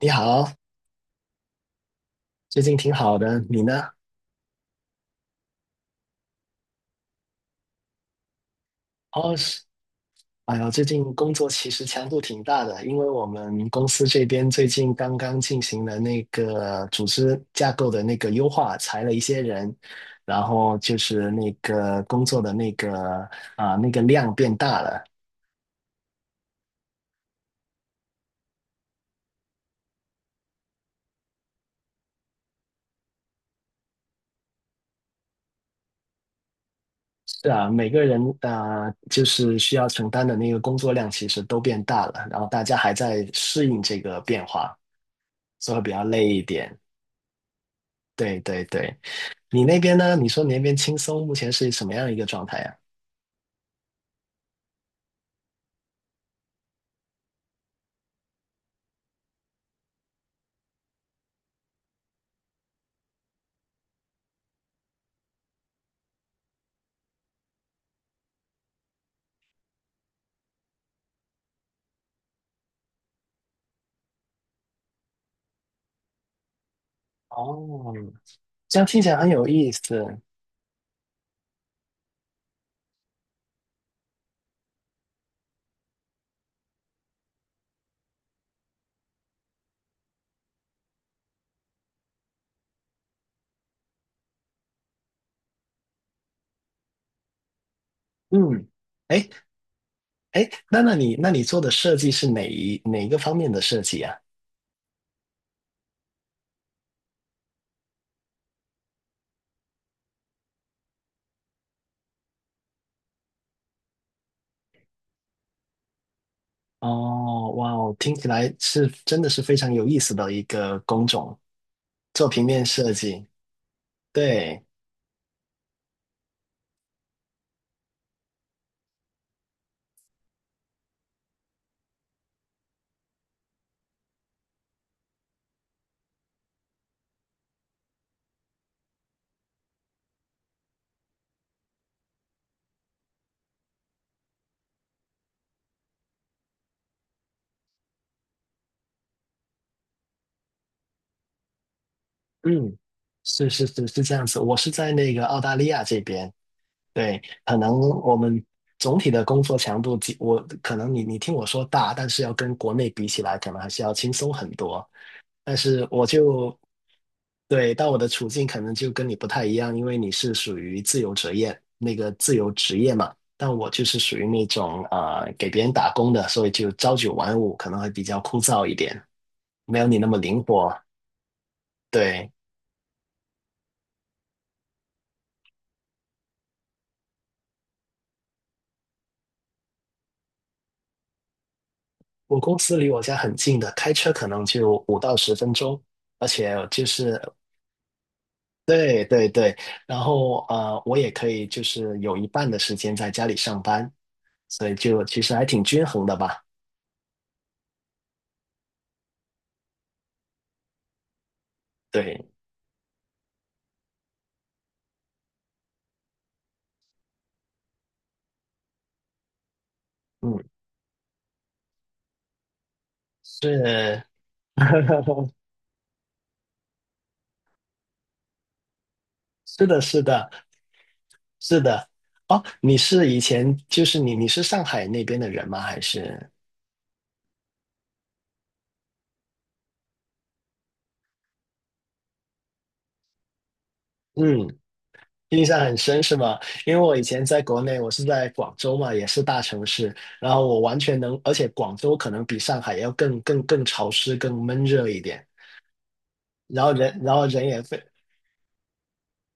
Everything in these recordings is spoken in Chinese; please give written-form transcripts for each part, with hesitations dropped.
你好，最近挺好的，你呢？哦，是，哎呀，最近工作其实强度挺大的，因为我们公司这边最近刚刚进行了那个组织架构的那个优化，裁了一些人，然后就是那个工作的那个量变大了。是啊，每个人就是需要承担的那个工作量其实都变大了，然后大家还在适应这个变化，所以会比较累一点。对对对，你那边呢？你说你那边轻松，目前是什么样一个状态呀？哦，这样听起来很有意思。嗯，哎哎，那那你做的设计是哪一个方面的设计啊？哦，哇哦，听起来是真的是非常有意思的一个工种，做平面设计。对，嗯，是是是是这样子。我是在那个澳大利亚这边。对，可能我们总体的工作强度，即我可能你听我说大，但是要跟国内比起来，可能还是要轻松很多。但是我就对，但我的处境可能就跟你不太一样，因为你是属于自由职业，那个自由职业嘛，但我就是属于那种啊给别人打工的，所以就朝九晚五，可能会比较枯燥一点，没有你那么灵活。对，我公司离我家很近的，开车可能就五到十分钟。而且就是对对对，然后我也可以就是有一半的时间在家里上班，所以就其实还挺均衡的吧。对，嗯，是，是的，是的，是的。哦，你是以前就是你是上海那边的人吗？还是嗯，印象很深是吗？因为我以前在国内，我是在广州嘛，也是大城市，然后我完全能，而且广州可能比上海要更潮湿、更闷热一点。然后人，然后人也非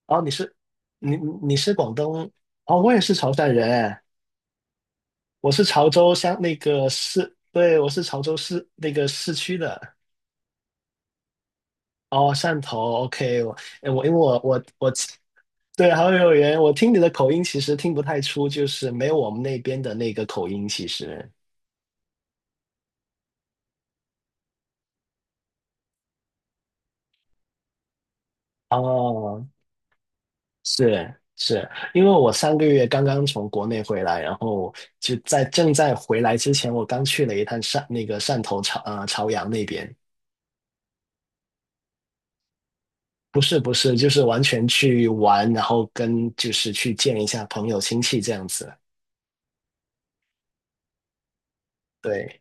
哦，你是你你是广东哦，我也是潮汕人哎，我是潮州乡那个市，对，我是潮州市那个市区的哦，汕头，OK，我哎我因为我对，好有缘，我听你的口音其实听不太出，就是没有我们那边的那个口音，其实哦，是是，因为我上个月刚刚从国内回来，然后就在正在回来之前，我刚去了一趟汕那个汕头潮潮阳那边。不是不是，就是完全去玩，然后跟就是去见一下朋友亲戚这样子。对，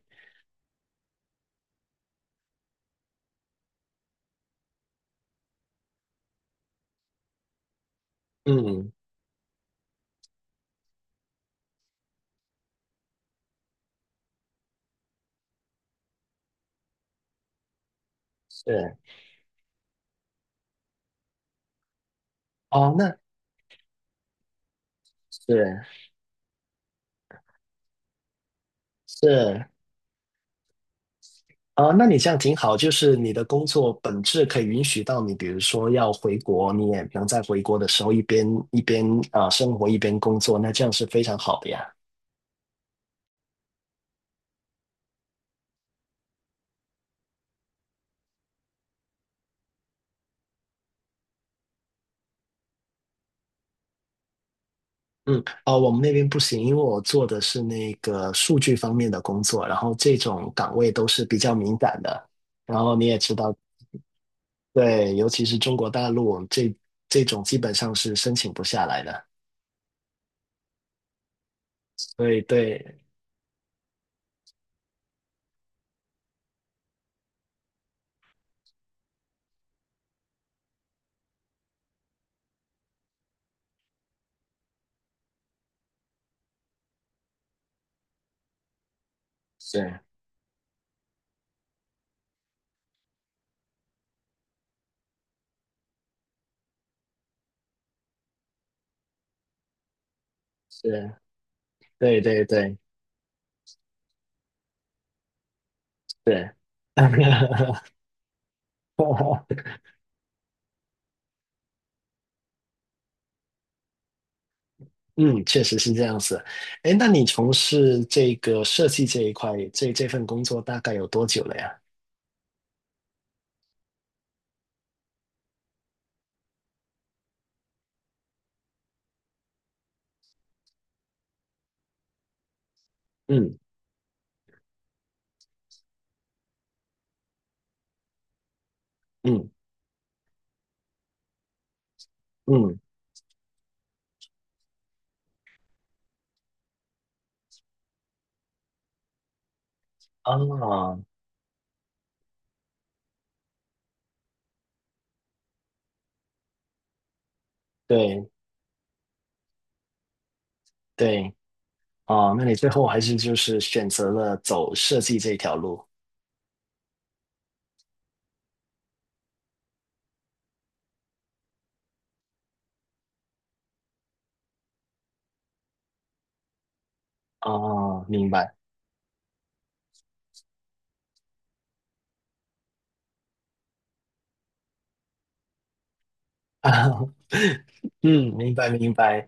嗯，是哦，那是是哦，那你这样挺好，就是你的工作本质可以允许到你，比如说要回国，你也能在回国的时候一边一边生活一边工作，那这样是非常好的呀。嗯，哦，我们那边不行，因为我做的是那个数据方面的工作，然后这种岗位都是比较敏感的。然后你也知道，对，尤其是中国大陆这种基本上是申请不下来的。对对，是是，对对对是。嗯，确实是这样子。哎，那你从事这个设计这一块，这份工作大概有多久了呀？嗯嗯嗯，啊，对对，哦，那你最后还是就是选择了走设计这条路。哦，明白。嗯，明白明白。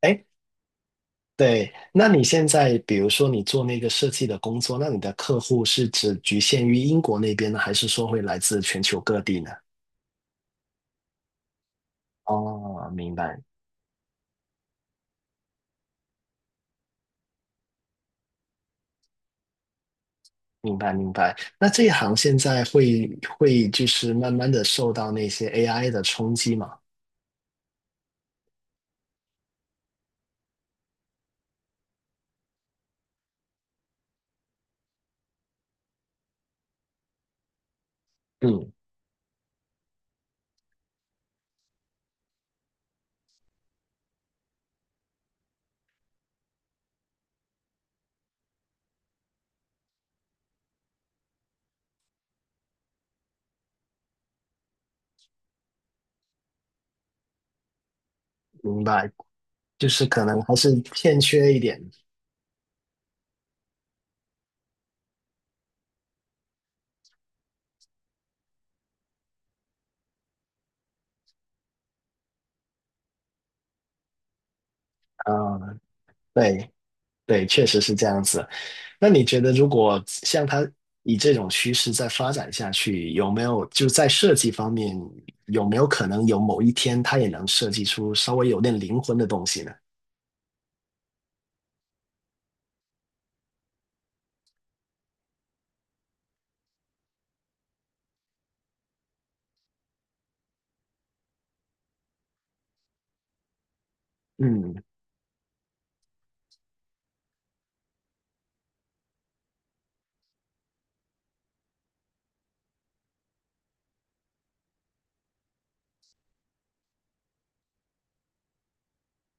哎，对，那你现在比如说你做那个设计的工作，那你的客户是只局限于英国那边呢，还是说会来自全球各地呢？哦，明白，明白，明白。那这一行现在会就是慢慢的受到那些 AI 的冲击嘛？嗯，明白，就是可能还是欠缺一点。嗯，对。对，确实是这样子。那你觉得，如果像他以这种趋势再发展下去，有没有就在设计方面，有没有可能有某一天他也能设计出稍微有点灵魂的东西呢？嗯，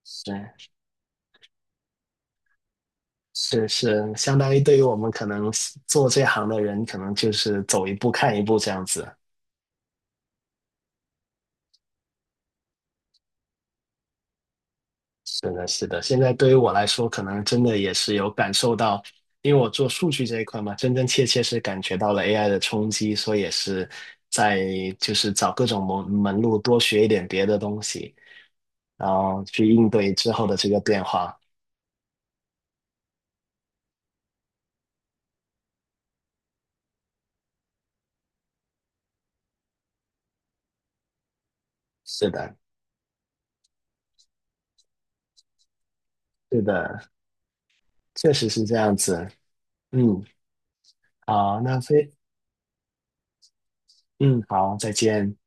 是是是，相当于对于我们可能做这行的人，可能就是走一步看一步这样子。是的，是的。现在对于我来说，可能真的也是有感受到，因为我做数据这一块嘛，真真切切是感觉到了 AI 的冲击，所以也是在就是找各种门路，多学一点别的东西，然后去应对之后的这个变化。是的，是的，确实是这样子。嗯，好，那非，嗯，好，再见。